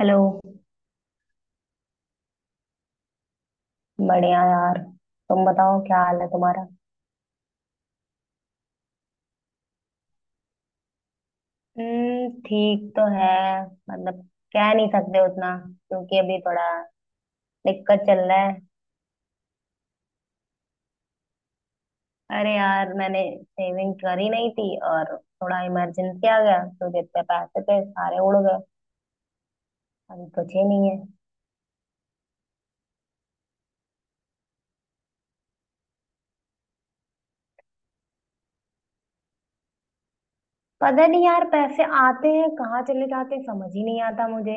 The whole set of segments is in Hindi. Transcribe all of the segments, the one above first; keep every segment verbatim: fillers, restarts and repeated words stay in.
हेलो। बढ़िया यार। तुम बताओ क्या हाल है तुम्हारा। हम्म, ठीक तो है। मतलब, कह नहीं सकते उतना क्योंकि अभी थोड़ा दिक्कत चल रहा है। अरे यार, मैंने सेविंग करी नहीं थी और थोड़ा इमरजेंसी आ गया, तो जितने पैसे थे सारे उड़ गए। अभी बचे नहीं है। पता नहीं यार, पैसे आते हैं कहाँ चले जाते हैं समझ ही नहीं आता मुझे।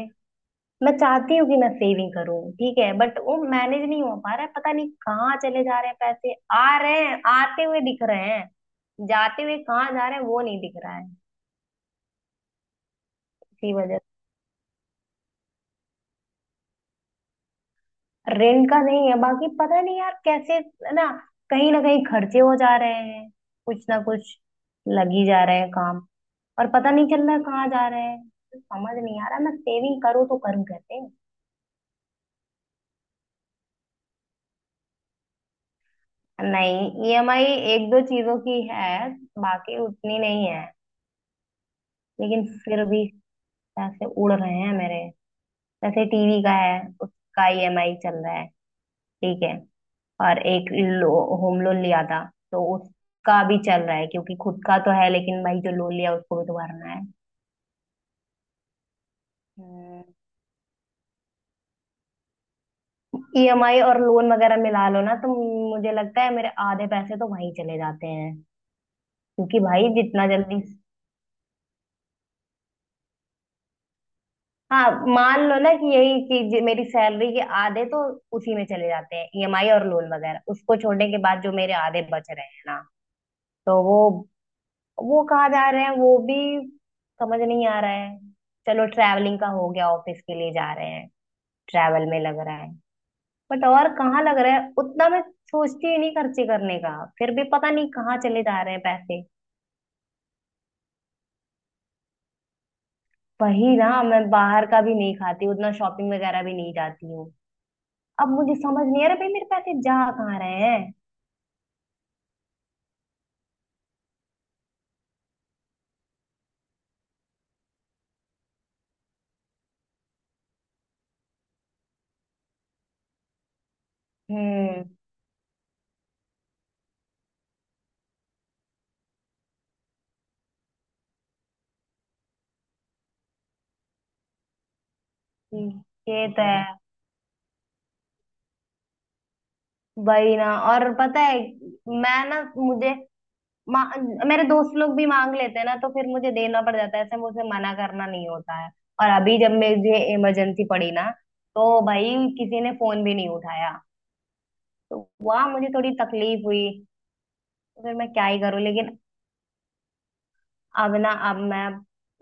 मैं चाहती हूँ कि मैं सेविंग करूँ, ठीक है, बट वो मैनेज नहीं हो पा रहा है। पता नहीं कहाँ चले जा रहे हैं, पैसे आ रहे हैं, आते हुए दिख रहे हैं, जाते हुए कहाँ जा रहे हैं वो नहीं दिख रहा है। इसी वजह, रेंट का नहीं है, बाकी पता नहीं यार कैसे ना, कहीं ना कहीं खर्चे हो जा रहे हैं, कुछ ना कुछ लग ही जा रहे हैं काम, और पता नहीं चल रहा है कहाँ जा रहे हैं। समझ नहीं आ रहा मैं सेविंग करूँ तो करूँ कैसे। नहीं, ईएमआई एक दो चीजों की है, बाकी उतनी नहीं है। लेकिन फिर भी पैसे उड़ रहे हैं मेरे। जैसे टीवी का है, उसका ईएमआई चल रहा है, ठीक है। और एक लो, होम लोन लिया था, तो उसका भी चल रहा है, क्योंकि खुद का तो है, लेकिन भाई जो लोन लिया उसको भी तो भरना है। हम्म, ईएमआई और लोन वगैरह मिला लो ना, तो मुझे लगता है मेरे आधे पैसे तो वहीं चले जाते हैं। क्योंकि भाई जितना जल्दी। हाँ, मान लो ना कि यही चीज, मेरी सैलरी के आधे तो उसी में चले जाते हैं, ईएमआई और लोन वगैरह। उसको छोड़ने के बाद जो मेरे आधे बच रहे हैं ना, तो वो वो कहाँ जा रहे हैं वो भी समझ नहीं आ रहा है। चलो, ट्रैवलिंग का हो गया, ऑफिस के लिए जा रहे हैं, ट्रैवल में लग रहा है। बट और कहाँ लग रहा है उतना मैं सोचती ही नहीं, खर्चे करने का फिर भी पता नहीं कहाँ चले जा रहे हैं पैसे। वही ना, मैं बाहर का भी नहीं खाती उतना, शॉपिंग वगैरह भी नहीं जाती हूँ। अब मुझे समझ नहीं आ रहा भाई मेरे पैसे जा कहाँ रहे हैं। हम्म, ये तो है। वही ना। और पता है, मैं ना मुझे मा- मेरे दोस्त लोग भी मांग लेते हैं ना, तो फिर मुझे देना पड़ जाता है, ऐसे मुझे मना करना नहीं होता है। और अभी जब मुझे इमरजेंसी पड़ी ना, तो भाई किसी ने फोन भी नहीं उठाया। तो वहां मुझे थोड़ी तकलीफ हुई। तो फिर मैं क्या ही करूँ, लेकिन अब ना अब मैं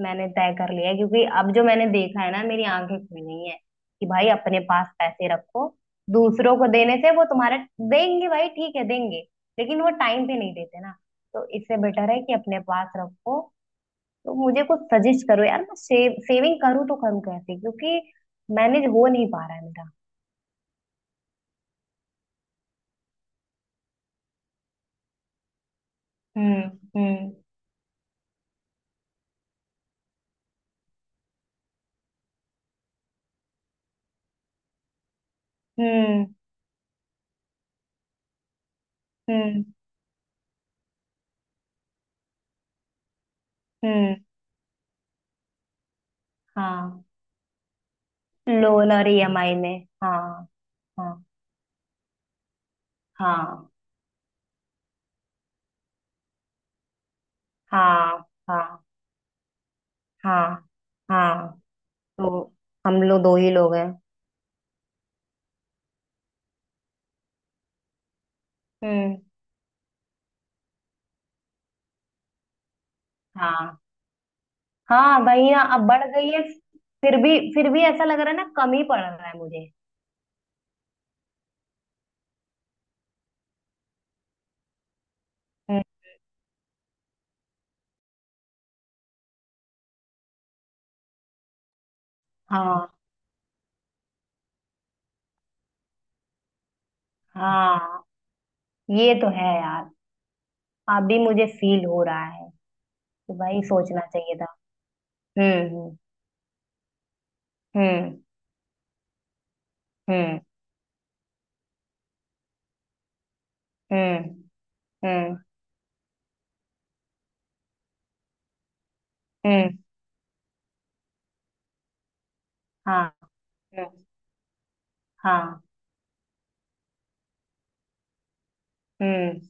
मैंने तय कर लिया है, क्योंकि अब जो मैंने देखा है ना, मेरी आंखें खुल गई हैं कि भाई अपने पास पैसे रखो। दूसरों को देने से, वो तुम्हारा देंगे भाई, ठीक है देंगे, लेकिन वो टाइम पे नहीं देते ना। तो इससे बेटर है कि अपने पास रखो। तो मुझे कुछ सजेस्ट करो यार, मैं सेव सेविंग करूँ तो करूँ कैसे, क्योंकि मैनेज हो नहीं पा रहा है मेरा। हम्म। हम्म। हम्म। हम्म। हम्म। हाँ, लोन और ईएमआई में। हाँ। हाँ। हाँ। हाँ। हाँ। हाँ। हाँ, तो हम लोग दो ही लोग हैं। हम्म। हाँ। हाँ, वही ना, अब बढ़ गई है। फिर भी फिर भी ऐसा लग रहा है ना, कम ही पड़ रहा है मुझे। हम्म, हाँ। हाँ, ये तो है यार। अभी मुझे फील हो रहा है कि भाई सोचना चाहिए था। हम्म। हम्म। हम्म। हम्म। हम्म। हम्म। हाँ। हम्म। हाँ। हम्म।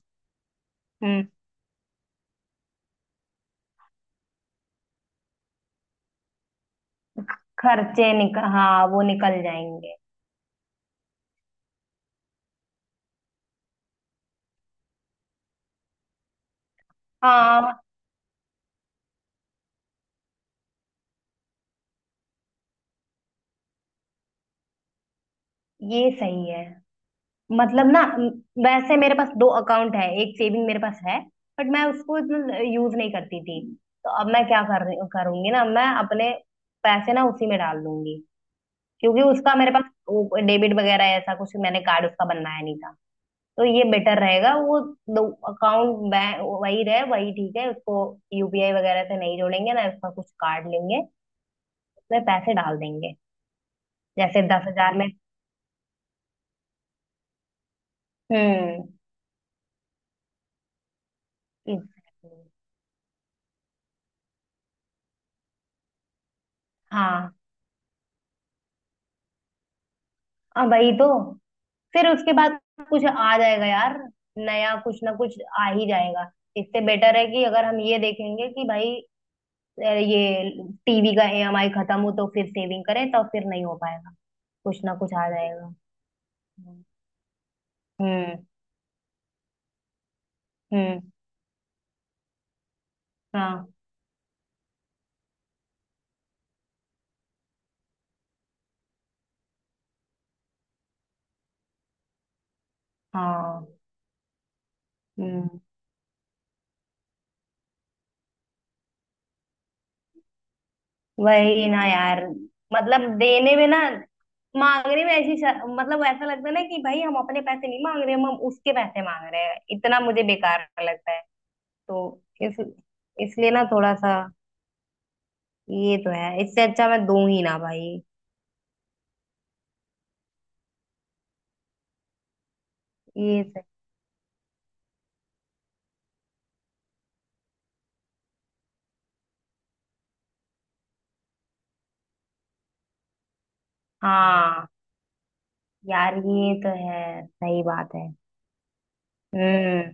हम्म। खर्चे निकल, हाँ, वो निकल जाएंगे। हाँ, ये सही है। मतलब ना म- वैसे मेरे पास दो अकाउंट है, एक सेविंग मेरे पास है, बट मैं उसको यूज नहीं करती थी। तो अब मैं क्या कर, करूंगी ना, मैं अपने पैसे ना उसी में डाल दूंगी, क्योंकि उसका मेरे पास डेबिट वगैरह ऐसा कुछ, मैंने कार्ड उसका बनवाया नहीं था। तो ये बेटर रहेगा, वो दो अकाउंट बैंक वही रहे, वही ठीक है। उसको यूपीआई वगैरह से नहीं जोड़ेंगे ना, उसका कुछ कार्ड लेंगे। उसमें पैसे डाल देंगे। जैसे दस हज़ार में। हम्म। exactly. हाँ, अब वही तो। फिर उसके बाद कुछ आ जाएगा यार, नया कुछ ना कुछ आ ही जाएगा। इससे बेटर है कि अगर हम ये देखेंगे कि भाई अ, ये टीवी का ईएमआई खत्म हो तो फिर सेविंग करें, तो फिर नहीं हो पाएगा, कुछ ना कुछ आ जाएगा। हम्म। हम्म। हाँ। हाँ। हम्म। वही ना यार, मतलब देने में ना, मांगने में ऐसी शर- मतलब ऐसा लगता है ना कि भाई हम अपने पैसे नहीं मांग रहे, हम हम उसके पैसे मांग रहे हैं, इतना मुझे बेकार लगता है। तो इस इसलिए ना, थोड़ा सा ये तो है, इससे अच्छा मैं दूं ही ना भाई। ये से। हाँ यार, ये तो है, सही बात है। हम्म।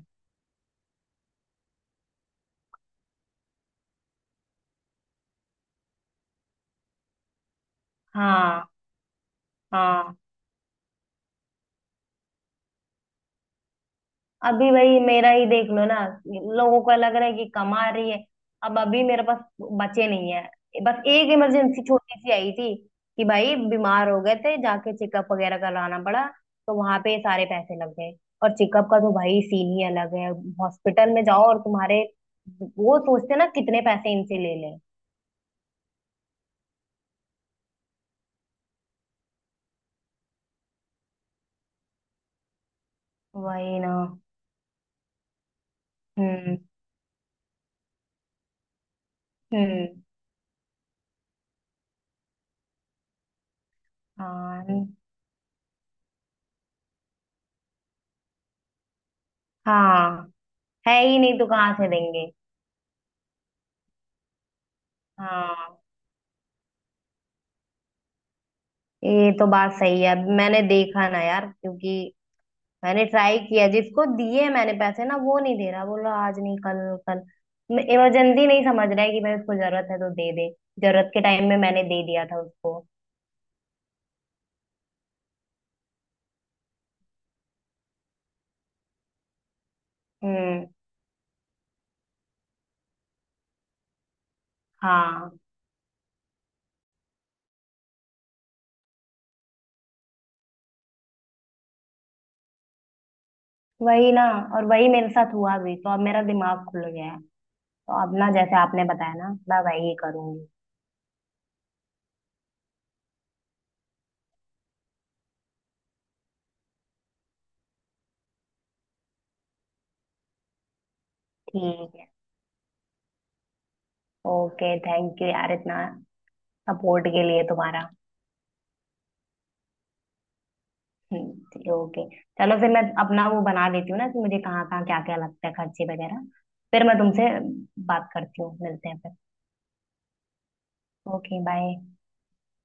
हाँ। हाँ, अभी भाई मेरा ही देख लो ना, लोगों को लग रहा है कि कमा रही है। अब अभी मेरे पास बचे नहीं है। बस एक इमरजेंसी छोटी सी आई थी कि भाई बीमार हो गए थे, जाके चेकअप वगैरह करवाना पड़ा, तो वहां पे सारे पैसे लग गए। और चेकअप का तो भाई सीन ही अलग है, हॉस्पिटल में जाओ और तुम्हारे, वो सोचते हैं ना कितने पैसे इनसे ले लें। वही ना। हम्म। हम्म। हाँ। हाँ। है ही नहीं तो कहाँ से देंगे। हाँ, ये तो बात सही है, मैंने देखा ना यार, क्योंकि मैंने ट्राई किया, जिसको दिए मैंने पैसे ना, वो नहीं दे रहा, बोलो आज नहीं कल, कल। इमरजेंसी नहीं समझ रहा है कि भाई उसको जरूरत है तो दे दे। जरूरत के टाइम में मैंने दे दिया था उसको। हम्म। हाँ, वही ना, और वही मेरे साथ हुआ भी, तो अब मेरा दिमाग खुल गया है। तो अब ना, जैसे आपने बताया ना, मैं वही करूंगी। ठीक है। ओके, थैंक यू यार इतना सपोर्ट के लिए तुम्हारा। ठीक, ओके। चलो फिर मैं अपना वो बना लेती हूँ ना, कि मुझे कहाँ कहाँ क्या क्या लगता है खर्चे वगैरह। फिर मैं तुमसे बात करती हूँ, मिलते हैं फिर। Okay bye.